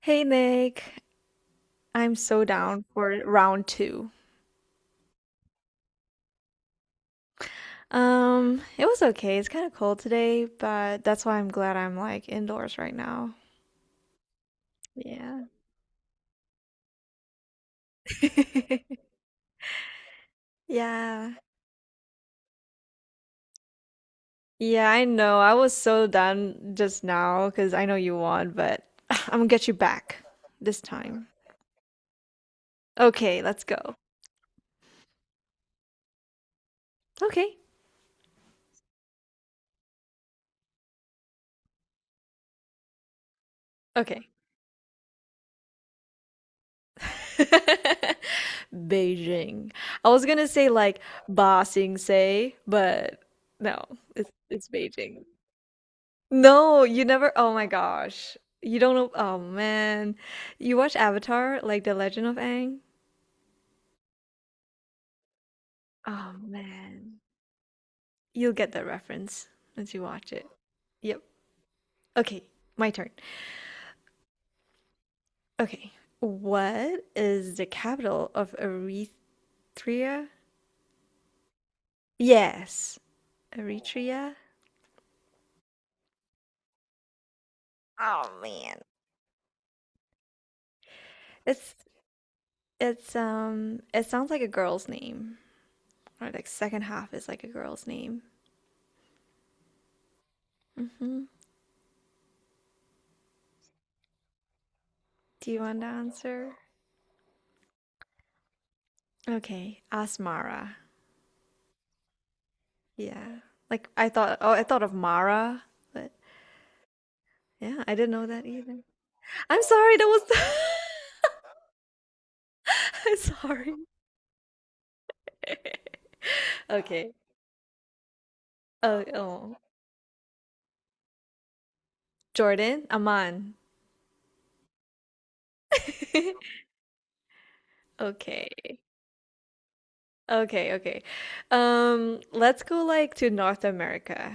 Hey Nick, I'm so down for round two. It was okay. It's kind of cold today, but that's why I'm glad I'm like indoors right now. Yeah. Yeah. Yeah, I know. I was so done just now because I know you won, but I'm gonna get you back this time. Okay, let's go. Okay. Okay. Beijing. I was gonna say like Ba Sing Se, but no, it's Beijing. No, you never. Oh my gosh. You don't know. Oh man. You watch Avatar, like The Legend of Aang? Oh man. You'll get that reference once you watch it. Yep. Okay, my turn. Okay. What is the capital of Eritrea? Yes, Eritrea. Oh man. It's it sounds like a girl's name. Or like second half is like a girl's name. Hmm. Do you want to answer? Okay, ask Mara. Yeah. Like I thought, oh, I thought of Mara, but yeah, I didn't know that either. I'm sorry, that was I'm sorry. Okay. Oh, oh. Jordan, Aman. Okay. Okay, okay. Let's go like to North America.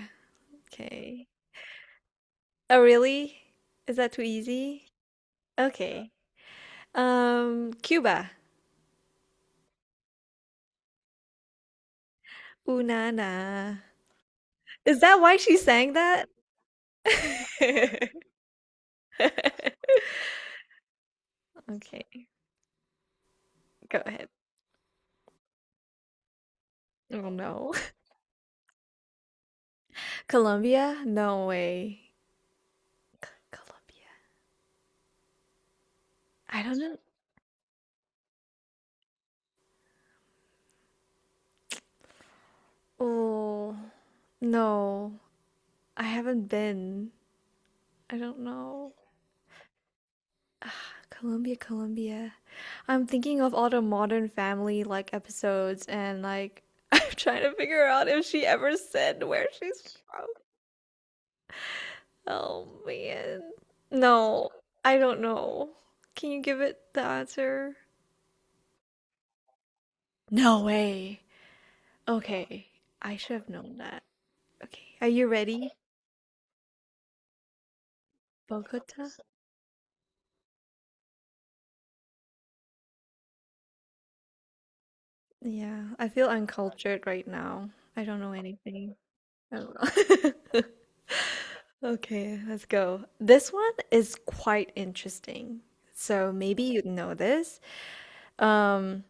Okay. Oh, really? Is that too easy? Okay. Cuba. Ooh, na na. Is that why she sang that? Okay, go ahead. Oh no. Colombia? No way. Colombia. I don't know. Oh, no. I haven't been. I don't know. Ah, Colombia, Colombia. I'm thinking of all the Modern Family like episodes and like I'm trying to figure out if she ever said where she's from. Oh man. No, I don't know. Can you give it the answer? No way. Okay, I should have known that. Okay, are you ready? Bogota? Yeah, I feel uncultured right now. I don't know anything. I don't know. Okay, let's go. This one is quite interesting. So maybe you know this. Um,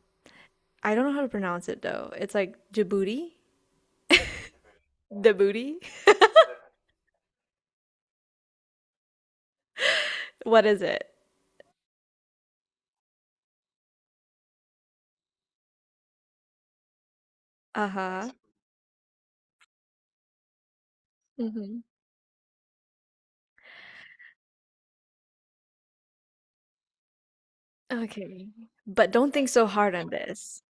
I don't know how to pronounce it though. It's like Djibouti? Djibouti. What is it? Uh-huh. Hmm. Okay. But don't think so hard on this.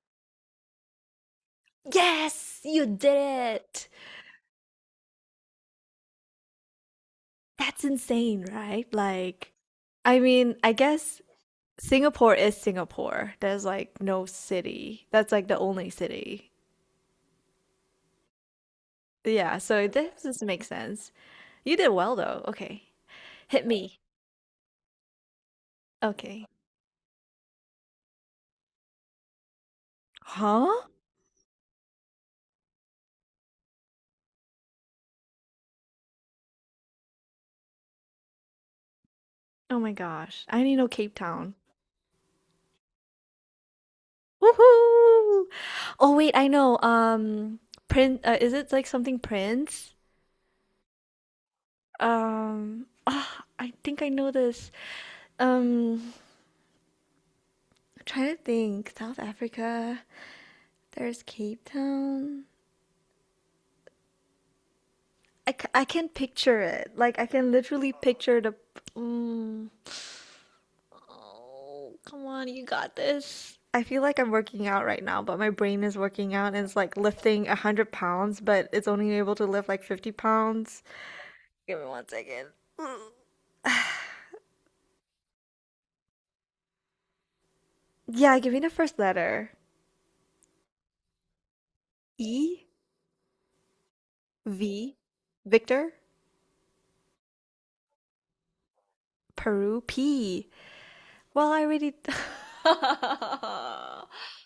Yes, you did it. That's insane, right? Like, I mean, I guess Singapore is Singapore. There's like no city. That's like the only city. Yeah, so this does make sense. You did well though. Okay. Hit me. Okay. Huh? Oh my gosh. I need to know Cape Town. Woohoo! Oh wait, I know. Prince, is it like something Prince? I think I know this. Um, I'm trying to think. South Africa. There's Cape Town. I can picture it. Like, I can literally picture the. Mm. Oh, come on, you got this. I feel like I'm working out right now, but my brain is working out and it's like lifting 100 pounds, but it's only able to lift like 50 pounds. Give me one second. Mm. Yeah, give me the first letter. E, V, Victor, Peru, P. Well, I already.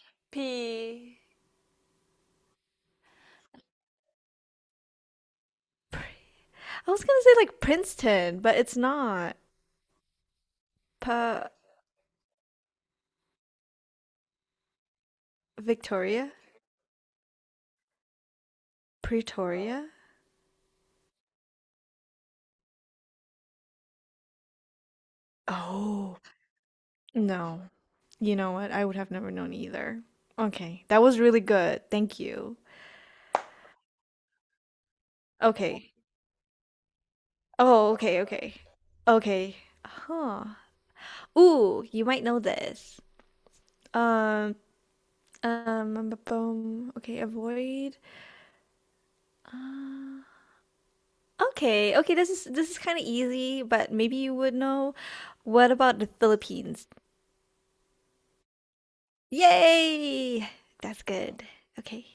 P, I was gonna say like Princeton, but it's not. Pa Victoria? Pretoria? Oh, no. You know what? I would have never known either. Okay, that was really good. Thank you. Okay. Oh, okay, okay. Okay. Huh. Ooh, you might know this. Um, bu- bum. Okay, avoid. Uh, okay, okay, this is kind of easy, but maybe you would know. What about the Philippines? Yay! That's good. Okay.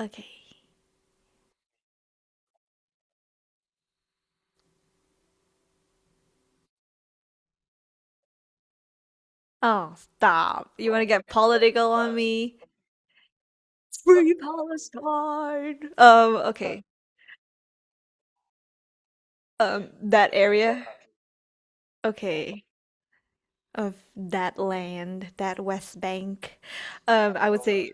Okay. Oh, stop. You want to get political on me? Free Palestine. Okay. That area. Okay. Of that land, that West Bank. I would say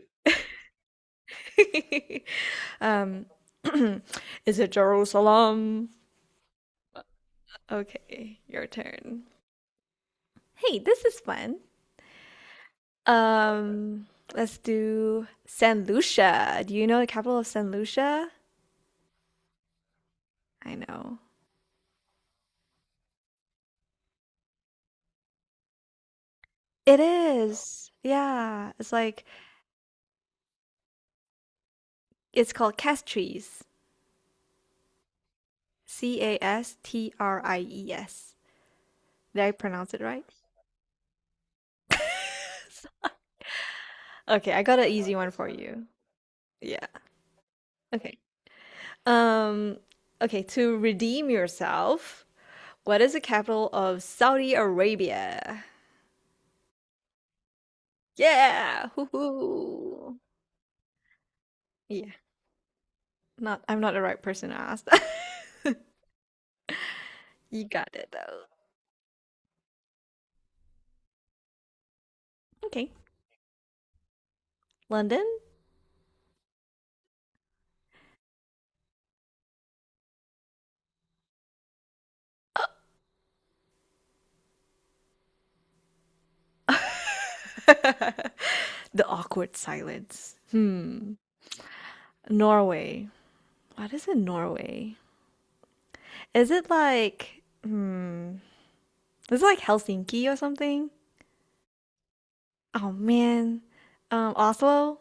um is it Jerusalem? Okay, your turn. Hey, this is fun. Um, let's do San Lucia. Do you know the capital of San Lucia? I know. It is. Yeah. It's like it's called Castries. C A S T R I E S. Did I pronounce it right? Okay, I got an easy one for you. Yeah. Okay. Um, okay, to redeem yourself, what is the capital of Saudi Arabia? Yeah. Hoo-hoo. Yeah. Not I'm not the right person to ask that. You got it though. Okay. London? The awkward silence. Hmm. Norway. What is in Norway? Is it like hmm is it like Helsinki or something? Oh man. Oslo?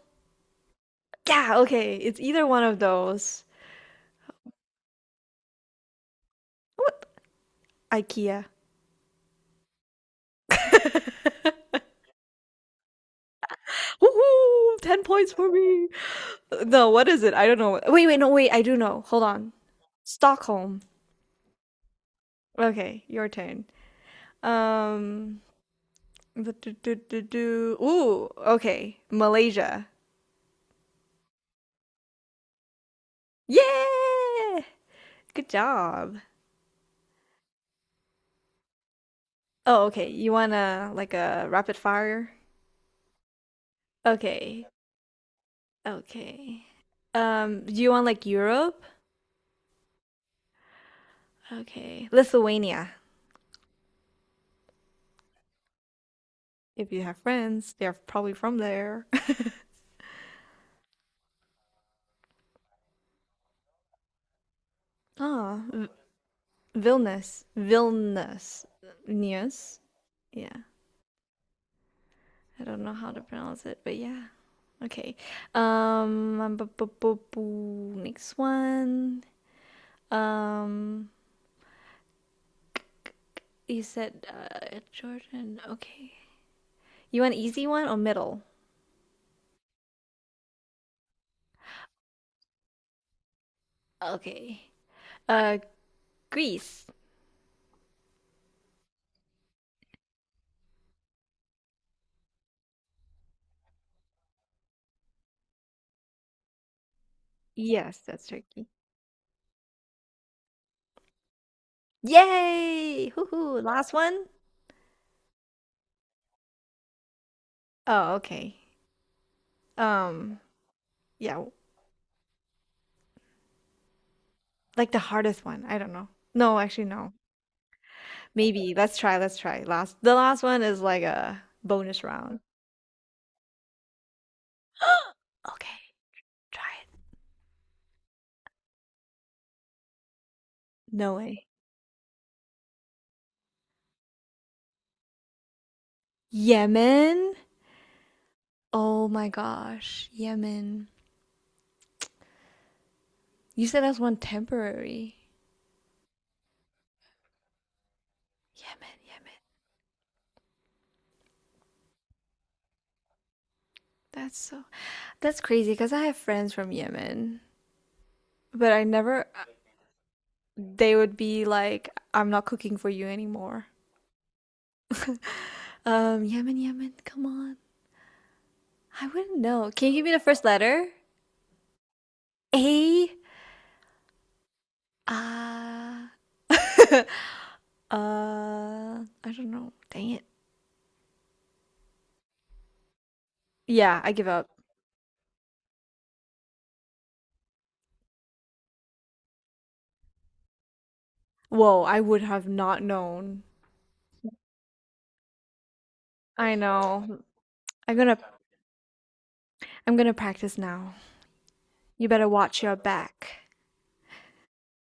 Yeah, okay. It's either one of those. What, IKEA. Woohoo! 10 points for me. No, what is it? I don't know. Wait, wait, no, wait. I do know. Hold on. Stockholm. Okay, your turn. Um, but do do do do. Ooh, okay, Malaysia. Yeah, good job. Oh, okay. You want to, like, a rapid fire? Okay, okay. Do you want like Europe? Okay, Lithuania. If you have friends, they're probably from there. Ah, V Vilnius, Vilnius, Vilnius. Yeah, I don't know how to pronounce it, but yeah. Okay. Next one. Um, you said Jordan. Okay. You want easy one or middle? Okay. Uh, Greece. Yes, that's Turkey. Yay! Hoo hoo. Last one? Oh, okay. Um, yeah, like the hardest one. I don't know. No, actually, no. Maybe. Let's try. Let's try. Last. The last one is like a bonus round. Okay. Try it. No way. Yemen? Oh my gosh, Yemen. You said that's one temporary. Yemen, Yemen. That's so that's crazy because I have friends from Yemen, but I never, they would be like, I'm not cooking for you anymore. Yemen, Yemen, come on. I wouldn't know. Can you give me the first letter? A, ah uh, I don't know. Dang it. Yeah, I give up. Whoa, I would have not known. I know. I'm gonna I'm gonna practice now. You better watch your back.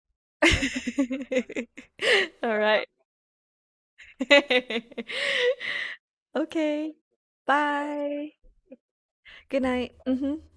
All right. Okay. Bye. Good night. Hmm.